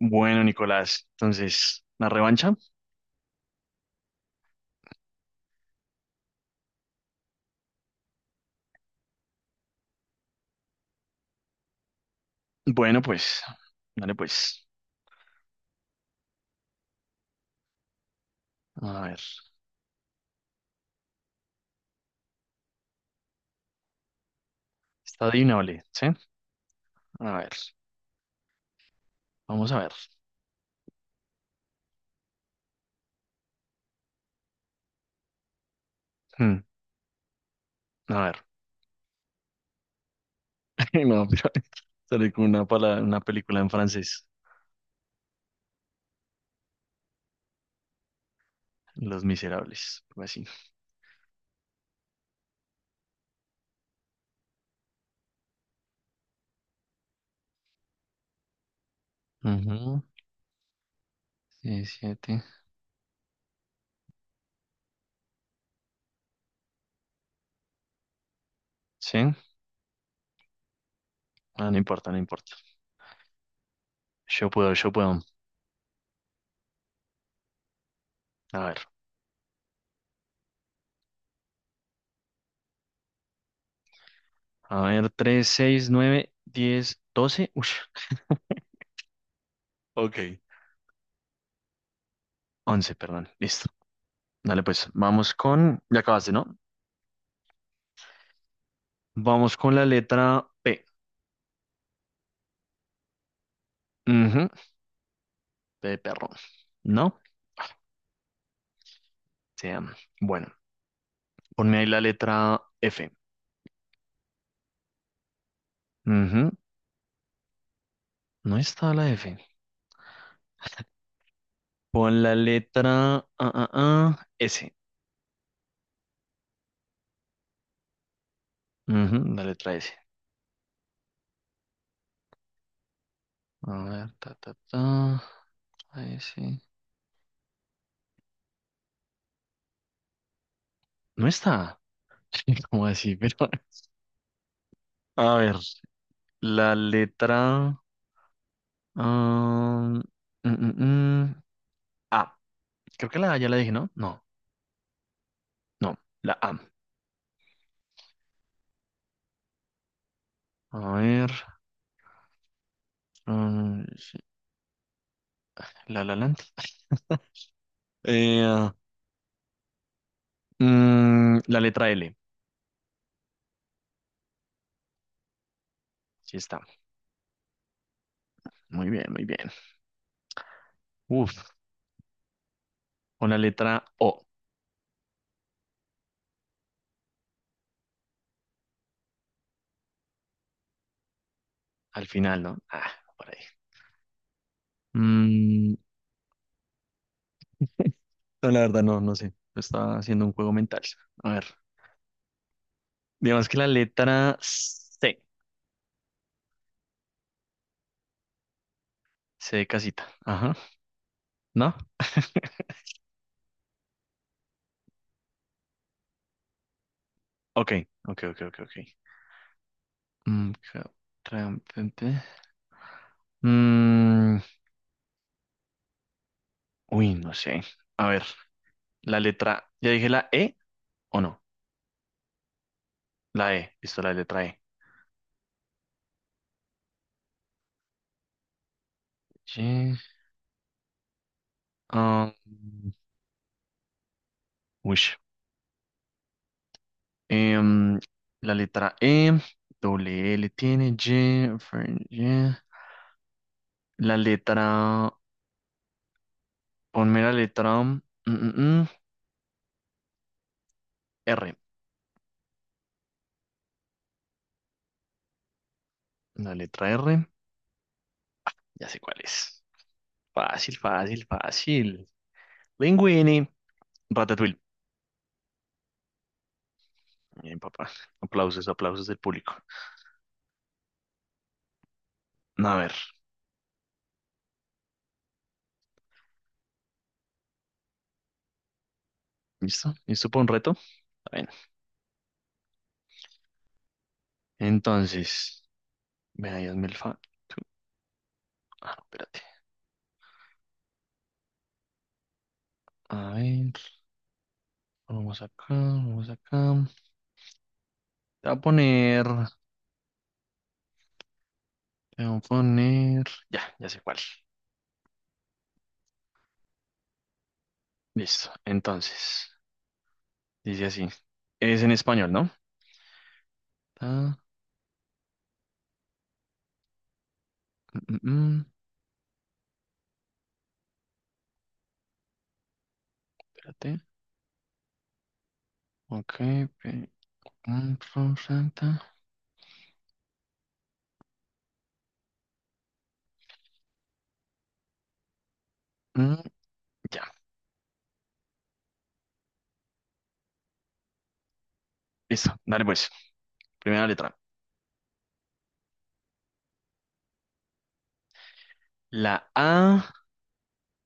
Bueno, Nicolás, entonces, ¿la revancha? Bueno, pues, dale pues. A ver, está adivinable, ¿sí? A ver, vamos a ver. Hmm, a ver, no, pero sale con una película en francés, Los Miserables, algo así. Ujú, sí, siete. ¿Sí? Ah, no importa, no importa. Yo puedo, yo puedo. A ver, a ver, tres, seis, nueve, diez, doce. Ush, ok, once, perdón, listo. Dale pues, vamos con... Ya acabaste, ¿no? Vamos con la letra P. Ujú, P de perro. ¿No? Sí. Bueno, ponme ahí la letra F. Ujú, no está la F. Pon la letra S. Ujú, la letra S. A ver, ta, ta, ta. La S. No está. ¿Cómo así? Pero, a ver, la letra ah, mm, mm, mm, A. Creo que la A ya la dije, ¿no? No, no, la A. A ver. La La Land. Eh, la letra L. Sí está. Muy bien, muy bien. Uf, con la letra O al final, ¿no? Ah, por ahí. Mm, no, la verdad, no, no sé. Lo estaba haciendo un juego mental. A ver. Digamos que la letra C. C de casita. Ajá. ¿No? Ok, ok, ok, ok, ok. Mm, ca- pe. Mm, uy, no sé. A ver, la letra. ¿Ya dije la E o no? La E. Listo, la letra E. Ah, uy, em, la letra E, doble L tiene, Y. La letra, ponme la letra mm, mm, R. La letra R, ya sé cuál es. Fácil, fácil, fácil. Linguini, Ratatouille. Bien, papá. Aplausos, aplausos del público. A ver, ¿listo? ¿Listo para un reto? Está bien. Entonces, vea, hazme el fa. tú- Ah, no, espérate. A ver, vamos acá, vamos acá. Te voy a poner, te voy a poner, ya, ya sé cuál. Listo. Entonces, dice así. Es en español, ¿no? Ta- mm, mm, mm. Espérate. Ok. pe- mm, ro- ra- ta. Mm, ya. Listo. Dale pues. Primera letra. La A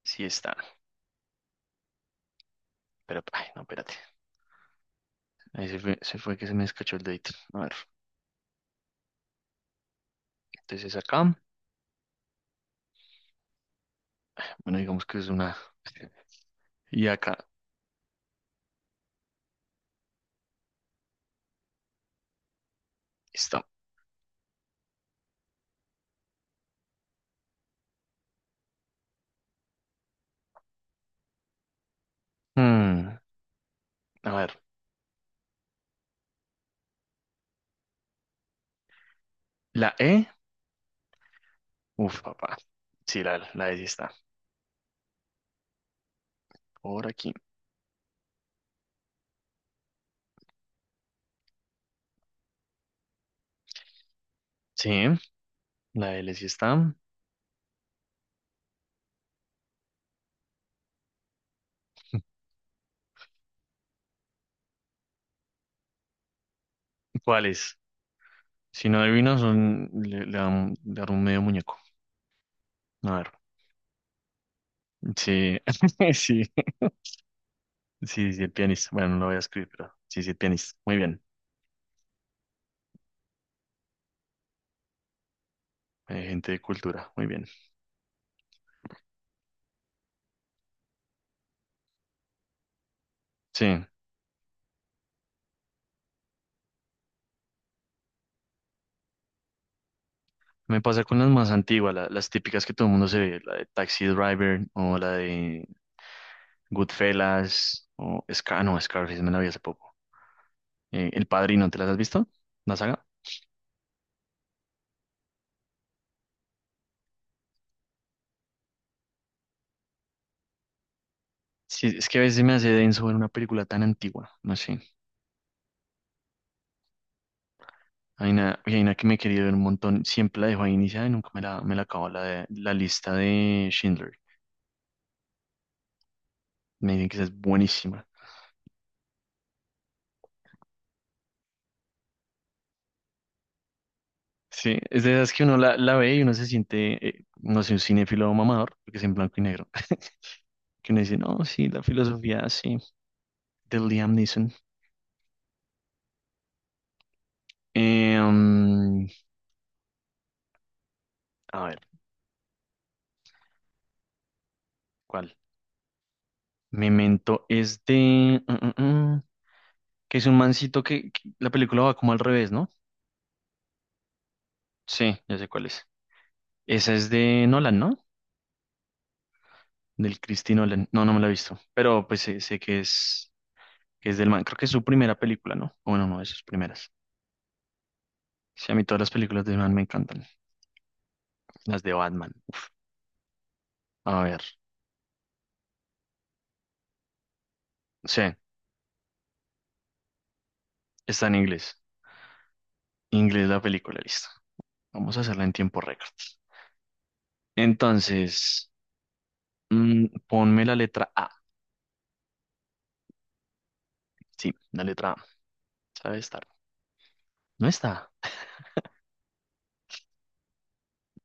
sí está. Pero, ay, no, espérate. Ahí se fue que se me escachó el dedito. A ver. Entonces acá. Bueno, digamos que es una. Y acá. Listo. Mm, a ver. La E. Uf, papá. Sí, la E sí está. Por aquí. Sí, la L sí está. ¿Cuáles? Si no adivino, son, le dan un medio muñeco. A ver. Sí, sí, sí, sí, el pianista. Bueno, no lo voy a escribir, pero sí, sí, el pianista. Muy bien. Gente de cultura, muy bien. Sí, me pasa con las más antiguas, las típicas que todo el mundo se ve, la de Taxi Driver o la de Goodfellas o Scar, no, Scarface me la vi hace poco. El Padrino, ¿te las has visto? ¿La saga? Sí, es que a veces me hace denso ver una película tan antigua, no sé. Hay una que me he querido ver un montón, siempre la dejo ahí iniciada y nunca me la acabo, la lista de Schindler. Me dicen que esa es buenísima. Sí, es de esas que uno la ve y uno se siente, no sé, un cinéfilo mamador, porque es en blanco y negro. Que uno dice, no, sí, la filosofía, sí, de Liam Neeson. Eh, mm, a ver, ¿cuál? Memento es de... que es un mancito que la película va como al revés, ¿no? Sí, ya sé cuál es. Esa es de Nolan, ¿no? Del Cristino Len. No, no me la he visto, pero pues sé, sé que es del man. Creo que es su primera película, ¿no? O bueno, no, de sus primeras. Sí, a mí todas las películas del man me encantan. Las de Batman. A ver, sí, está en inglés. Inglés la película, listo. Vamos a hacerla en tiempo récord. Entonces, ponme la letra A. Sí, la letra A. ¿Sabe estar? No está.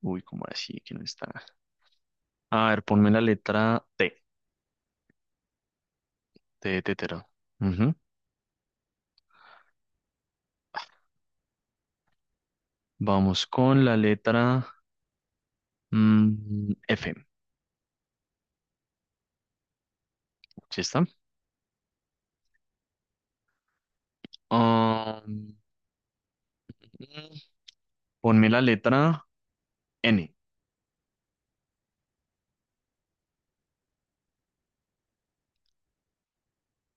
Uy, ¿cómo así que no está? A ver, ponme la letra T. T de tetero. Ujú. Vamos con la letra F. ¿Sí está? Ah, mm, ponme la letra N.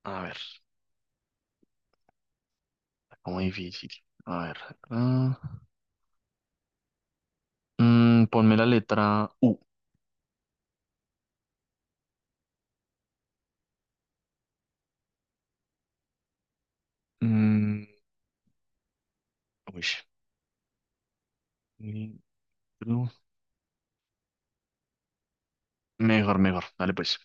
A ver, está como difícil. A ver, acá. Ponme la letra U. Mm, uy, mejor, mejor. Dale pues.